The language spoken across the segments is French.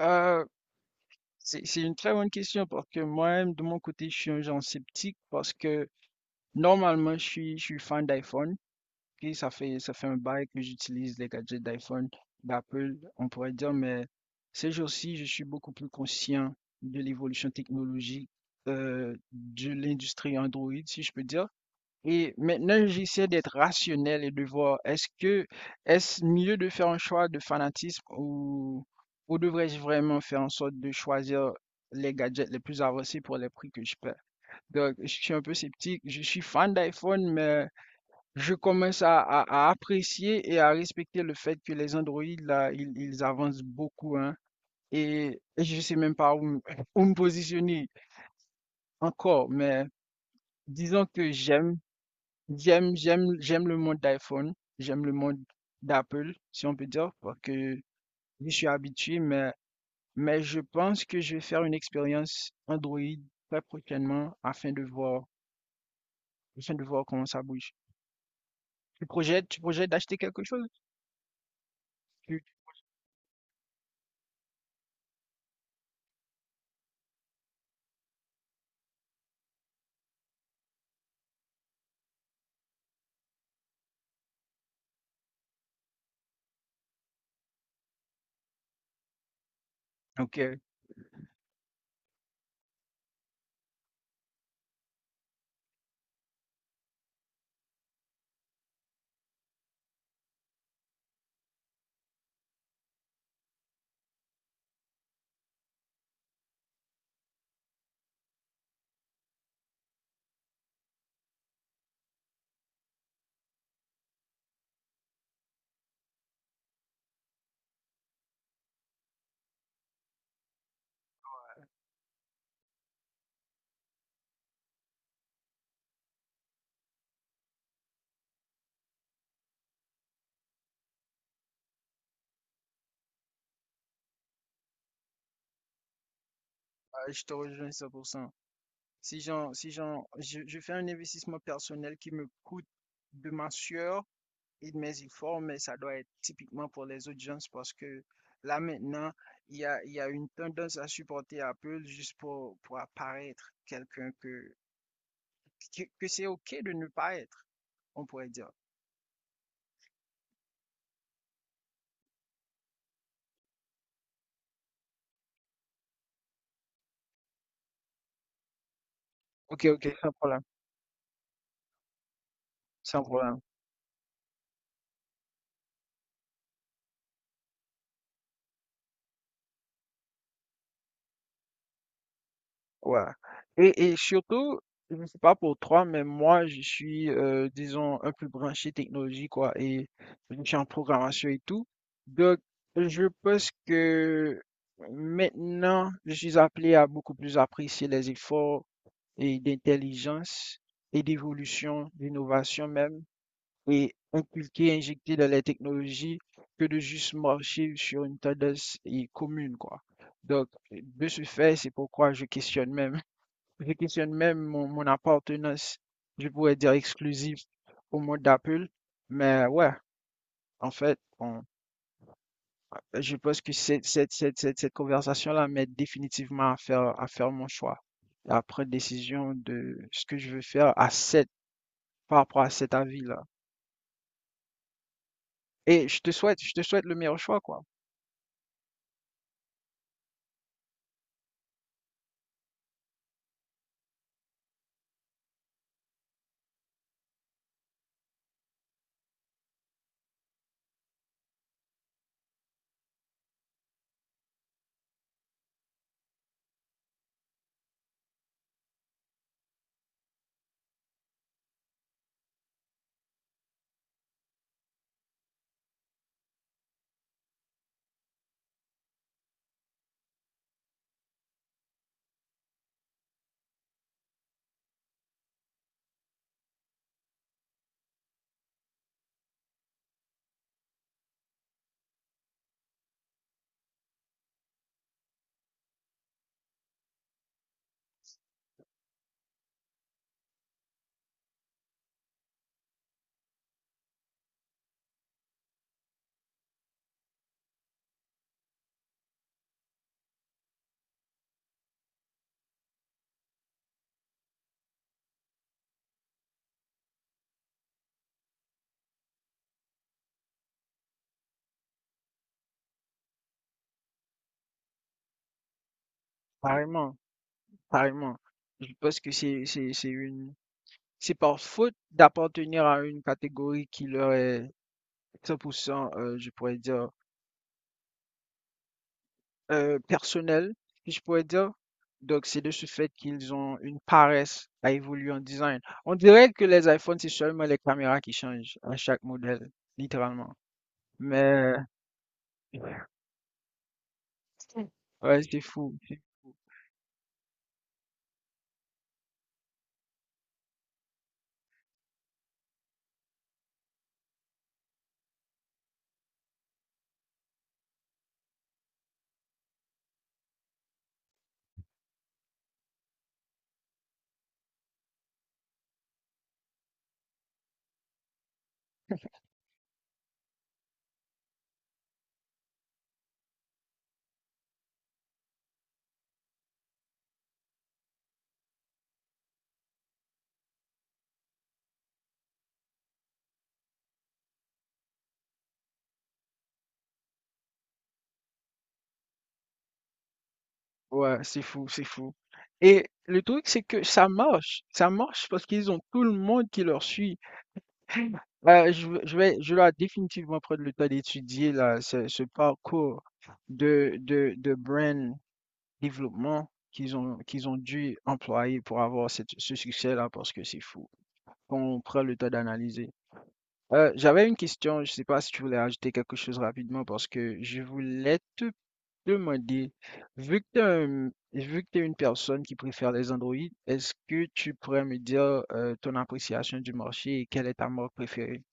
Euh, c'est une très bonne question parce que moi-même, de mon côté, je suis un genre sceptique parce que normalement, je suis fan d'iPhone. Et ça fait un bail que j'utilise les gadgets d'iPhone, d'Apple, on pourrait dire, mais ces jours-ci, je suis beaucoup plus conscient de l'évolution technologique de l'industrie Android, si je peux dire. Et maintenant, j'essaie d'être rationnel et de voir, est-ce mieux de faire un choix de fanatisme ou devrais-je vraiment faire en sorte de choisir les gadgets les plus avancés pour les prix que je paie? Donc, je suis un peu sceptique. Je suis fan d'iPhone, mais je commence à apprécier et à respecter le fait que les Android, là, ils avancent beaucoup, hein. Et je sais même pas où, où me positionner encore, mais disons que j'aime. J'aime j'aime le monde d'iPhone, j'aime le monde d'Apple, si on peut dire, parce que je suis habitué, mais je pense que je vais faire une expérience Android très prochainement afin de voir comment ça bouge. Tu projettes d'acheter quelque chose? Tu- Ok, je te rejoins 100%. Si j'en, si j'en, je fais un investissement personnel qui me coûte de ma sueur, mais il forme, ça doit être typiquement pour les audiences parce que là maintenant, il y a une tendance à supporter Apple juste pour apparaître quelqu'un que, que c'est OK de ne pas être, on pourrait dire. Ok, ok, sans problème, sans problème. Ouais. Et surtout, je ne sais pas pour toi, mais moi, je suis, disons, un peu branché technologie, quoi, et je suis en programmation et tout. Donc, je pense que maintenant, je suis appelé à beaucoup plus apprécier les efforts et d'intelligence et d'évolution, d'innovation même, et inculquer, injecter dans les technologies que de juste marcher sur une tendance et commune, quoi. Donc, de ce fait, c'est pourquoi je questionne même mon, mon appartenance, je pourrais dire exclusive au monde d'Apple. Mais ouais, en fait, je pense que cette conversation-là m'aide définitivement à faire mon choix, à prendre décision de ce que je veux faire à cette, par rapport à cet avis-là. Je te souhaite le meilleur choix, quoi. Pareillement, pareillement. Je pense que c'est par faute d'appartenir à une catégorie qui leur est 100 je pourrais dire, personnelle, si je pourrais dire. Donc c'est de ce fait qu'ils ont une paresse à évoluer en design. On dirait que les iPhones, c'est seulement les caméras qui changent à chaque modèle, littéralement. Mais ouais, c'est fou, c'est ouais, c'est fou et le truc, c'est que ça marche parce qu'ils ont tout le monde qui leur suit. Bah, je dois définitivement prendre le temps d'étudier là ce, ce parcours de brand développement qu'ils ont dû employer pour avoir ce succès-là parce que c'est fou. Quand on prend le temps d'analyser. J'avais une question, je sais pas si tu voulais ajouter quelque chose rapidement parce que je voulais te demander, vu que t'es une personne qui préfère les Android, est-ce que tu pourrais me dire ton appréciation du marché et quelle est ta marque préférée?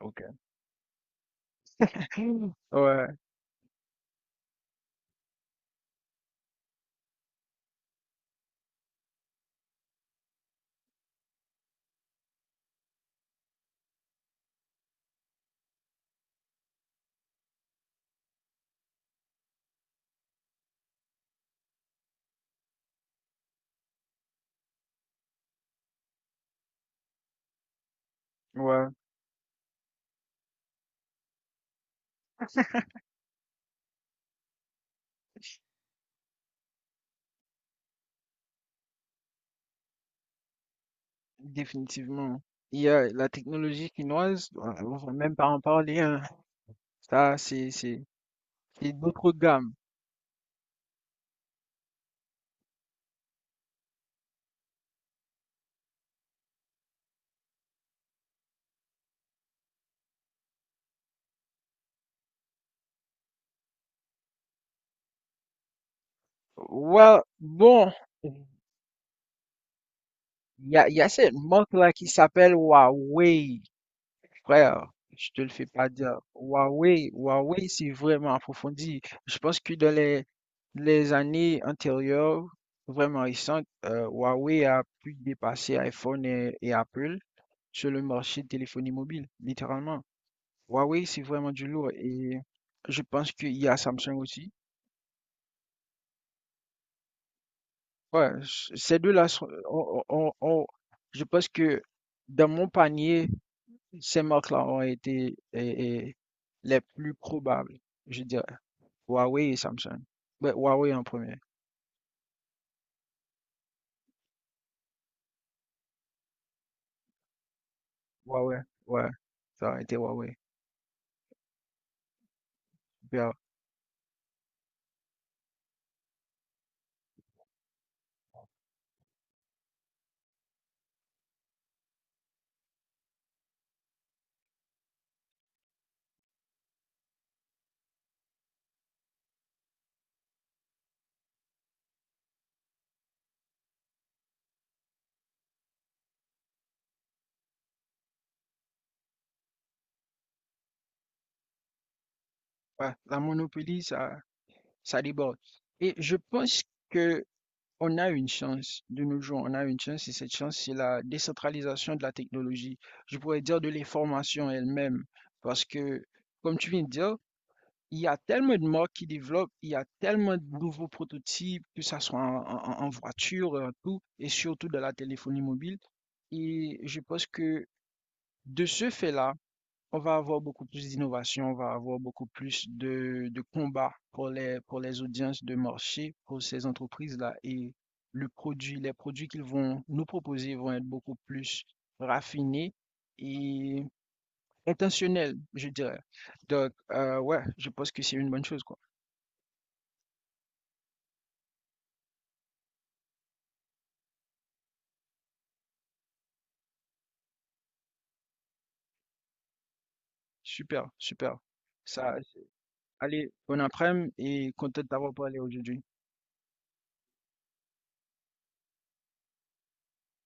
Ok. Ouais, ouais, définitivement. Il y a la technologie chinoise, on va même pas en parler, hein. Ça, c'est d'autres gammes. Ouais, bon, il il y a cette marque-là qui s'appelle Huawei. Frère, je te le fais pas dire. Huawei, c'est vraiment approfondi. Je pense que dans les années antérieures, vraiment récentes, Huawei a pu dépasser iPhone et Apple sur le marché de téléphonie mobile, littéralement. Huawei, c'est vraiment du lourd. Et je pense qu'il y a Samsung aussi. Ouais, c- ces deux-là, sont- on- je pense que dans mon panier, ces marques-là ont été les plus probables, je dirais. Huawei et Samsung. Ouais, Huawei en premier. Huawei, ouais, ça a été Huawei. Bien. Ouais, la monopolie, ça déborde. Et je pense que on a une chance de nos jours, on a une chance et cette chance, c'est la décentralisation de la technologie. Je pourrais dire de l'information elle-même, parce que, comme tu viens de dire, il y a tellement de marques qui développent, il y a tellement de nouveaux prototypes, que ça soit en, en voiture, en tout, et surtout dans la téléphonie mobile. Et je pense que de ce fait-là, on va avoir beaucoup plus d'innovation, on va avoir beaucoup plus de combats pour les audiences de marché, pour ces entreprises-là. Et les produits qu'ils vont nous proposer vont être beaucoup plus raffinés et intentionnels, je dirais. Donc, ouais, je pense que c'est une bonne chose, quoi. Super, super. Ça, allez, bon après-midi et content d'avoir parlé aujourd'hui.